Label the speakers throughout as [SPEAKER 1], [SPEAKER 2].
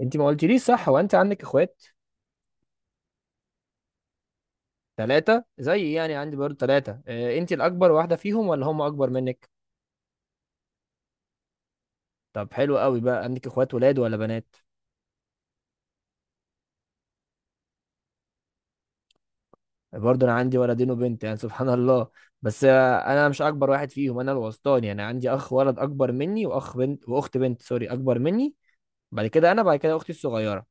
[SPEAKER 1] انت ما قلتليش، صح؟ هو انت عندك اخوات؟ 3، زي يعني عندي برضه 3. اه انت الاكبر واحدة فيهم، ولا هم اكبر منك؟ طب حلو قوي. بقى عندك اخوات ولاد ولا بنات؟ برضه انا عندي ولدين وبنت، يعني سبحان الله. بس انا مش اكبر واحد فيهم، انا الوسطاني. يعني عندي اخ ولد اكبر مني، واخ بنت، واخت بنت سوري، اكبر مني. بعد كده اختي الصغيرة.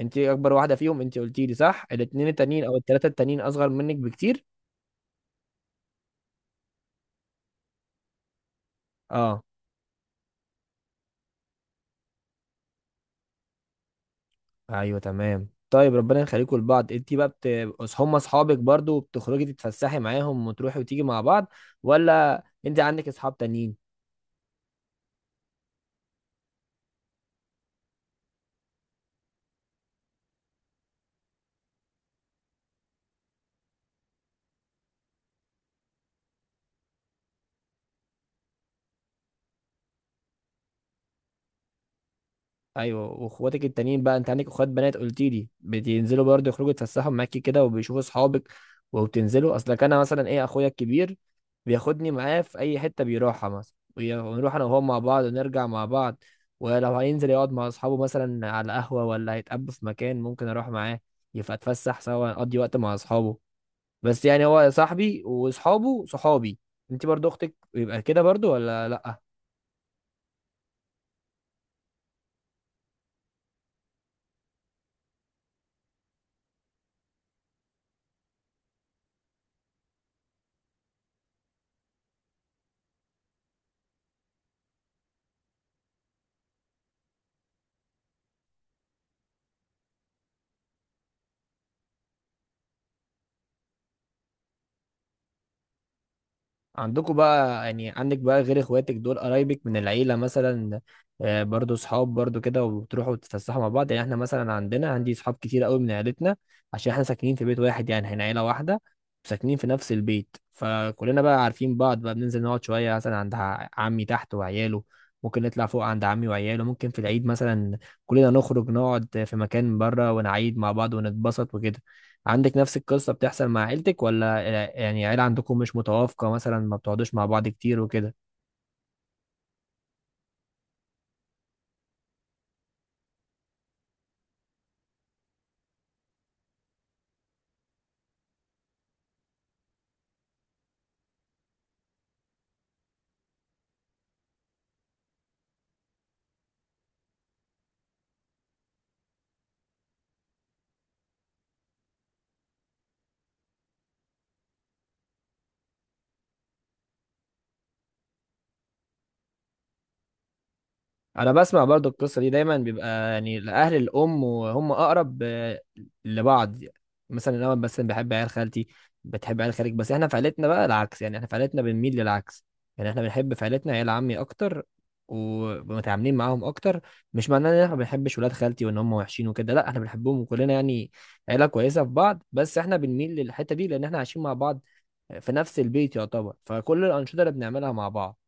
[SPEAKER 1] انت اكبر واحدة فيهم انت قلتيلي، صح؟ الاتنين التانيين او التلاتة التانيين اصغر منك بكتير، اه. ايوه، تمام. طيب، ربنا يخليكم لبعض. انت بقى هم اصحابك برضو؟ بتخرجي تتفسحي معاهم وتروحي وتيجي مع بعض؟ ولا انت عندك اصحاب تانيين؟ ايوه. واخواتك التانيين بقى، انت عندك اخوات بنات قلت لي، بتنزلوا برضه يخرجوا يتفسحوا معاكي كده وبيشوفوا اصحابك وبتنزلوا؟ اصلك انا مثلا ايه، اخويا الكبير بياخدني معاه في اي حته بيروحها مثلا، ونروح انا وهو مع بعض ونرجع مع بعض. ولو هينزل يقعد مع اصحابه مثلا على قهوه، ولا هيتقابلوا في مكان، ممكن اروح معاه. يبقى اتفسح سوا، اقضي وقت مع اصحابه. بس يعني هو صاحبي واصحابه صحابي. انت برضه اختك يبقى كده برضه، ولا لا؟ عندكم بقى، يعني عندك بقى، غير اخواتك دول قرايبك من العيلة مثلا، برضو صحاب برضو كده، وبتروحوا تتفسحوا مع بعض؟ يعني احنا مثلا عندي صحاب كتير قوي من عيلتنا، عشان احنا ساكنين في بيت واحد، يعني احنا عيلة واحدة، ساكنين في نفس البيت، فكلنا بقى عارفين بعض. بقى بننزل نقعد شوية مثلا عند عمي تحت وعياله، ممكن نطلع فوق عند عمي وعياله، ممكن في العيد مثلا كلنا نخرج نقعد في مكان بره ونعيد مع بعض ونتبسط وكده. عندك نفس القصة بتحصل مع عيلتك ولا؟ يعني عيلة عندكم مش متوافقة مثلا، ما بتقعدوش مع بعض كتير وكده؟ انا بسمع برضو القصة دي دايما، بيبقى يعني الاهل الام وهم اقرب لبعض. مثلا انا مثلا بحب عيال خالتي، بتحب عيال خالك. بس احنا في عيلتنا بقى العكس، يعني احنا في عيلتنا بنميل للعكس، يعني احنا بنحب في عيلتنا عيال عمي اكتر، ومتعاملين معاهم اكتر. مش معناه ان احنا ما بنحبش ولاد خالتي وان هم وحشين وكده، لا، احنا بنحبهم وكلنا يعني عيلة كويسة في بعض. بس احنا بنميل للحتة دي لان احنا عايشين مع بعض في نفس البيت يعتبر، فكل الأنشطة اللي بنعملها مع بعض.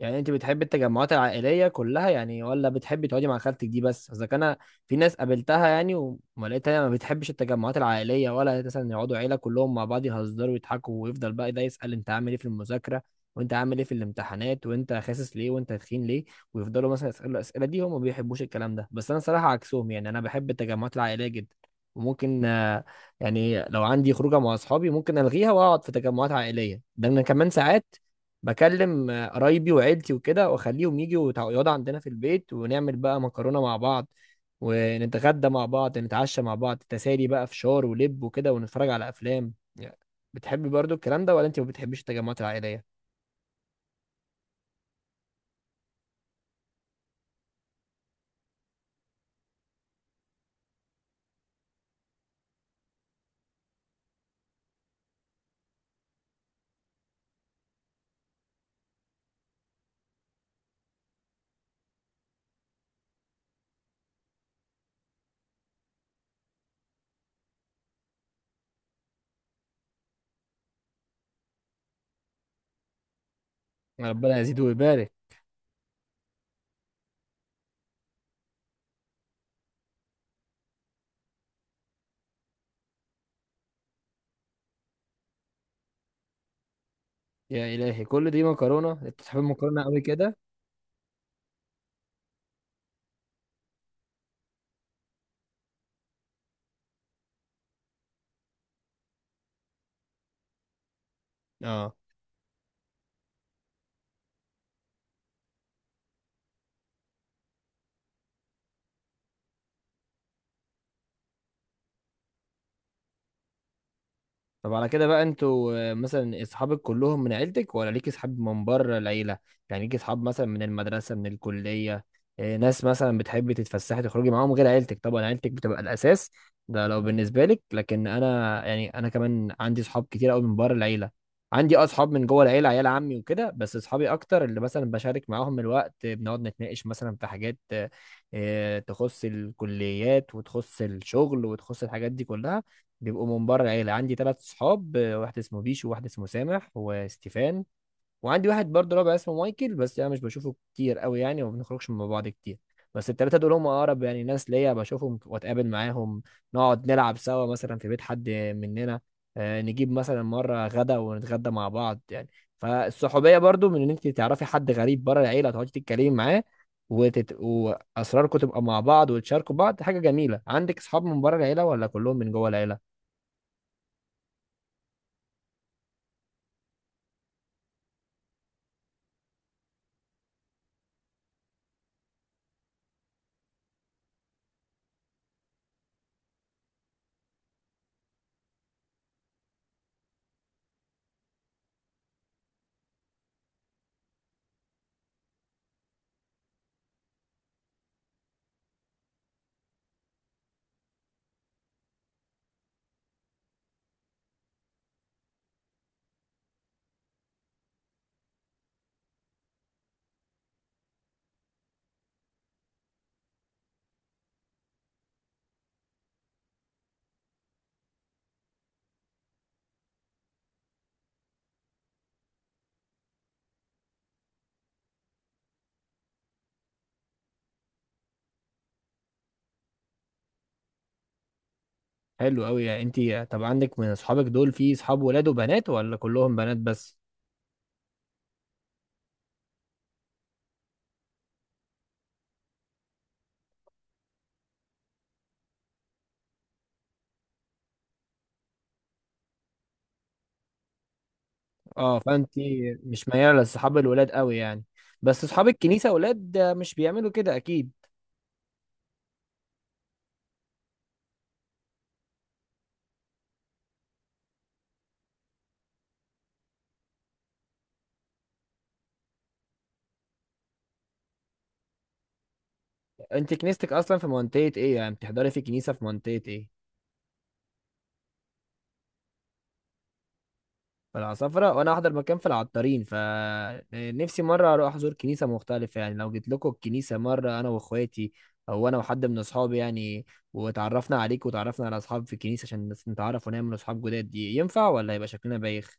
[SPEAKER 1] يعني انت بتحبي التجمعات العائليه كلها يعني، ولا بتحبي تقعدي مع خالتك دي بس؟ اذا كان في ناس قابلتها يعني وما لقيتها ما بتحبش التجمعات العائليه، ولا مثلا يقعدوا عيله كلهم مع بعض يهزروا ويضحكوا، ويفضل بقى ده يسال انت عامل ايه في المذاكره، وانت عامل ايه في الامتحانات، وانت خاسس ليه، وانت تخين ليه، ويفضلوا مثلا يسالوا الاسئله دي، هم ما بيحبوش الكلام ده. بس انا صراحه عكسهم، يعني انا بحب التجمعات العائليه جدا. وممكن يعني لو عندي خروجه مع اصحابي ممكن الغيها واقعد في تجمعات عائليه. ده انا كمان ساعات بكلم قرايبي وعيلتي وكده، واخليهم يجوا يقعدوا عندنا في البيت، ونعمل بقى مكرونه مع بعض، ونتغدى مع بعض، نتعشى مع بعض، تسالي بقى فشار ولب وكده، ونتفرج على افلام يعني. بتحبي برضو الكلام ده، ولا انت ما بتحبيش التجمعات العائليه؟ ربنا يزيد ويبارك. يا الهي، كل دي مكرونه؟ انت بتحب المكرونه قوي كده، اه. طب على كده بقى، انتوا مثلا اصحابك كلهم من عيلتك، ولا ليك اصحاب من بره العيله؟ يعني ليك اصحاب مثلا من المدرسه، من الكليه؟ ناس مثلا بتحبي تتفسحي تخرجي معاهم غير عيلتك؟ طبعا عيلتك بتبقى الاساس، ده لو بالنسبه لك. لكن انا يعني انا كمان عندي اصحاب كتير قوي من بره العيله. عندي اصحاب من جوه العيله، عيال عمي وكده، بس اصحابي اكتر اللي مثلا بشارك معاهم الوقت، بنقعد نتناقش مثلا في حاجات تخص الكليات وتخص الشغل وتخص الحاجات دي كلها، بيبقوا من بره العيلة. عندي 3 صحاب، واحد اسمه بيشو، وواحد اسمه سامح، وستيفان. وعندي واحد برضه رابع اسمه مايكل، بس انا مش بشوفه كتير قوي يعني، وما بنخرجش مع بعض كتير. بس التلاتة دول هم أقرب يعني ناس ليا، بشوفهم وأتقابل معاهم، نقعد نلعب سوا مثلا في بيت حد مننا، نجيب مثلا مرة غدا ونتغدى مع بعض يعني. فالصحوبية برضو من إن أنت تعرفي حد غريب بره العيلة، تقعدي تتكلمي معاه، وأسراركم تبقى مع بعض وتشاركوا بعض، حاجة جميلة. عندك أصحاب من بره العيلة ولا كلهم من جوه العيلة؟ حلو قوي يعني. انت طب عندك من اصحابك دول في اصحاب ولاد وبنات، ولا كلهم بنات بس؟ اه، فانت مش مياله لاصحاب الولاد قوي يعني؟ بس اصحاب الكنيسه ولاد مش بيعملوا كده اكيد. انت كنيستك اصلا في منطقه ايه؟ يعني بتحضري في كنيسه في منطقه ايه؟ في العصافره. وانا احضر مكان في العطارين، فنفسي مره اروح احضر كنيسه مختلفه. يعني لو جيت لكم الكنيسه مره، انا واخواتي او انا وحد من اصحابي يعني، واتعرفنا عليك وتعرفنا على اصحاب في الكنيسه عشان نتعرف ونعمل اصحاب جداد، دي ينفع ولا يبقى شكلنا بايخ؟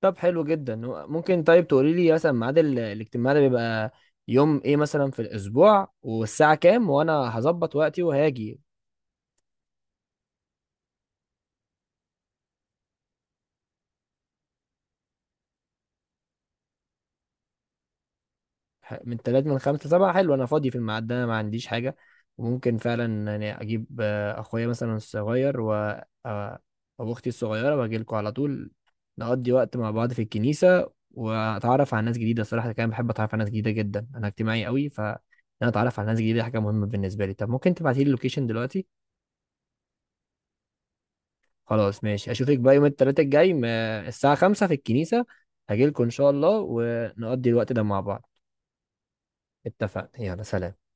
[SPEAKER 1] طب حلو جدا. ممكن طيب تقولي لي مثلا ميعاد الاجتماع ده بيبقى يوم ايه مثلا في الاسبوع، والساعة كام، وانا هظبط وقتي وهاجي؟ من تلات، من 5 ل7، حلو. انا فاضي في الميعاد ده، انا ما عنديش حاجة. وممكن فعلا يعني اجيب اخويا مثلا الصغير و آه، او اختي الصغيرة، واجي لكم على طول، نقضي وقت مع بعض في الكنيسة واتعرف على ناس جديدة. الصراحة كمان بحب اتعرف على ناس جديدة جدا، انا اجتماعي قوي، ف إن انا اتعرف على ناس جديدة حاجة مهمة بالنسبة لي. طب ممكن تبعتي لي اللوكيشن دلوقتي؟ خلاص ماشي. اشوفك بقى يوم التلاتة الجاي الساعة 5 في الكنيسة. هجيلكوا ان شاء الله، ونقضي الوقت ده مع بعض. اتفقنا. يلا، سلام.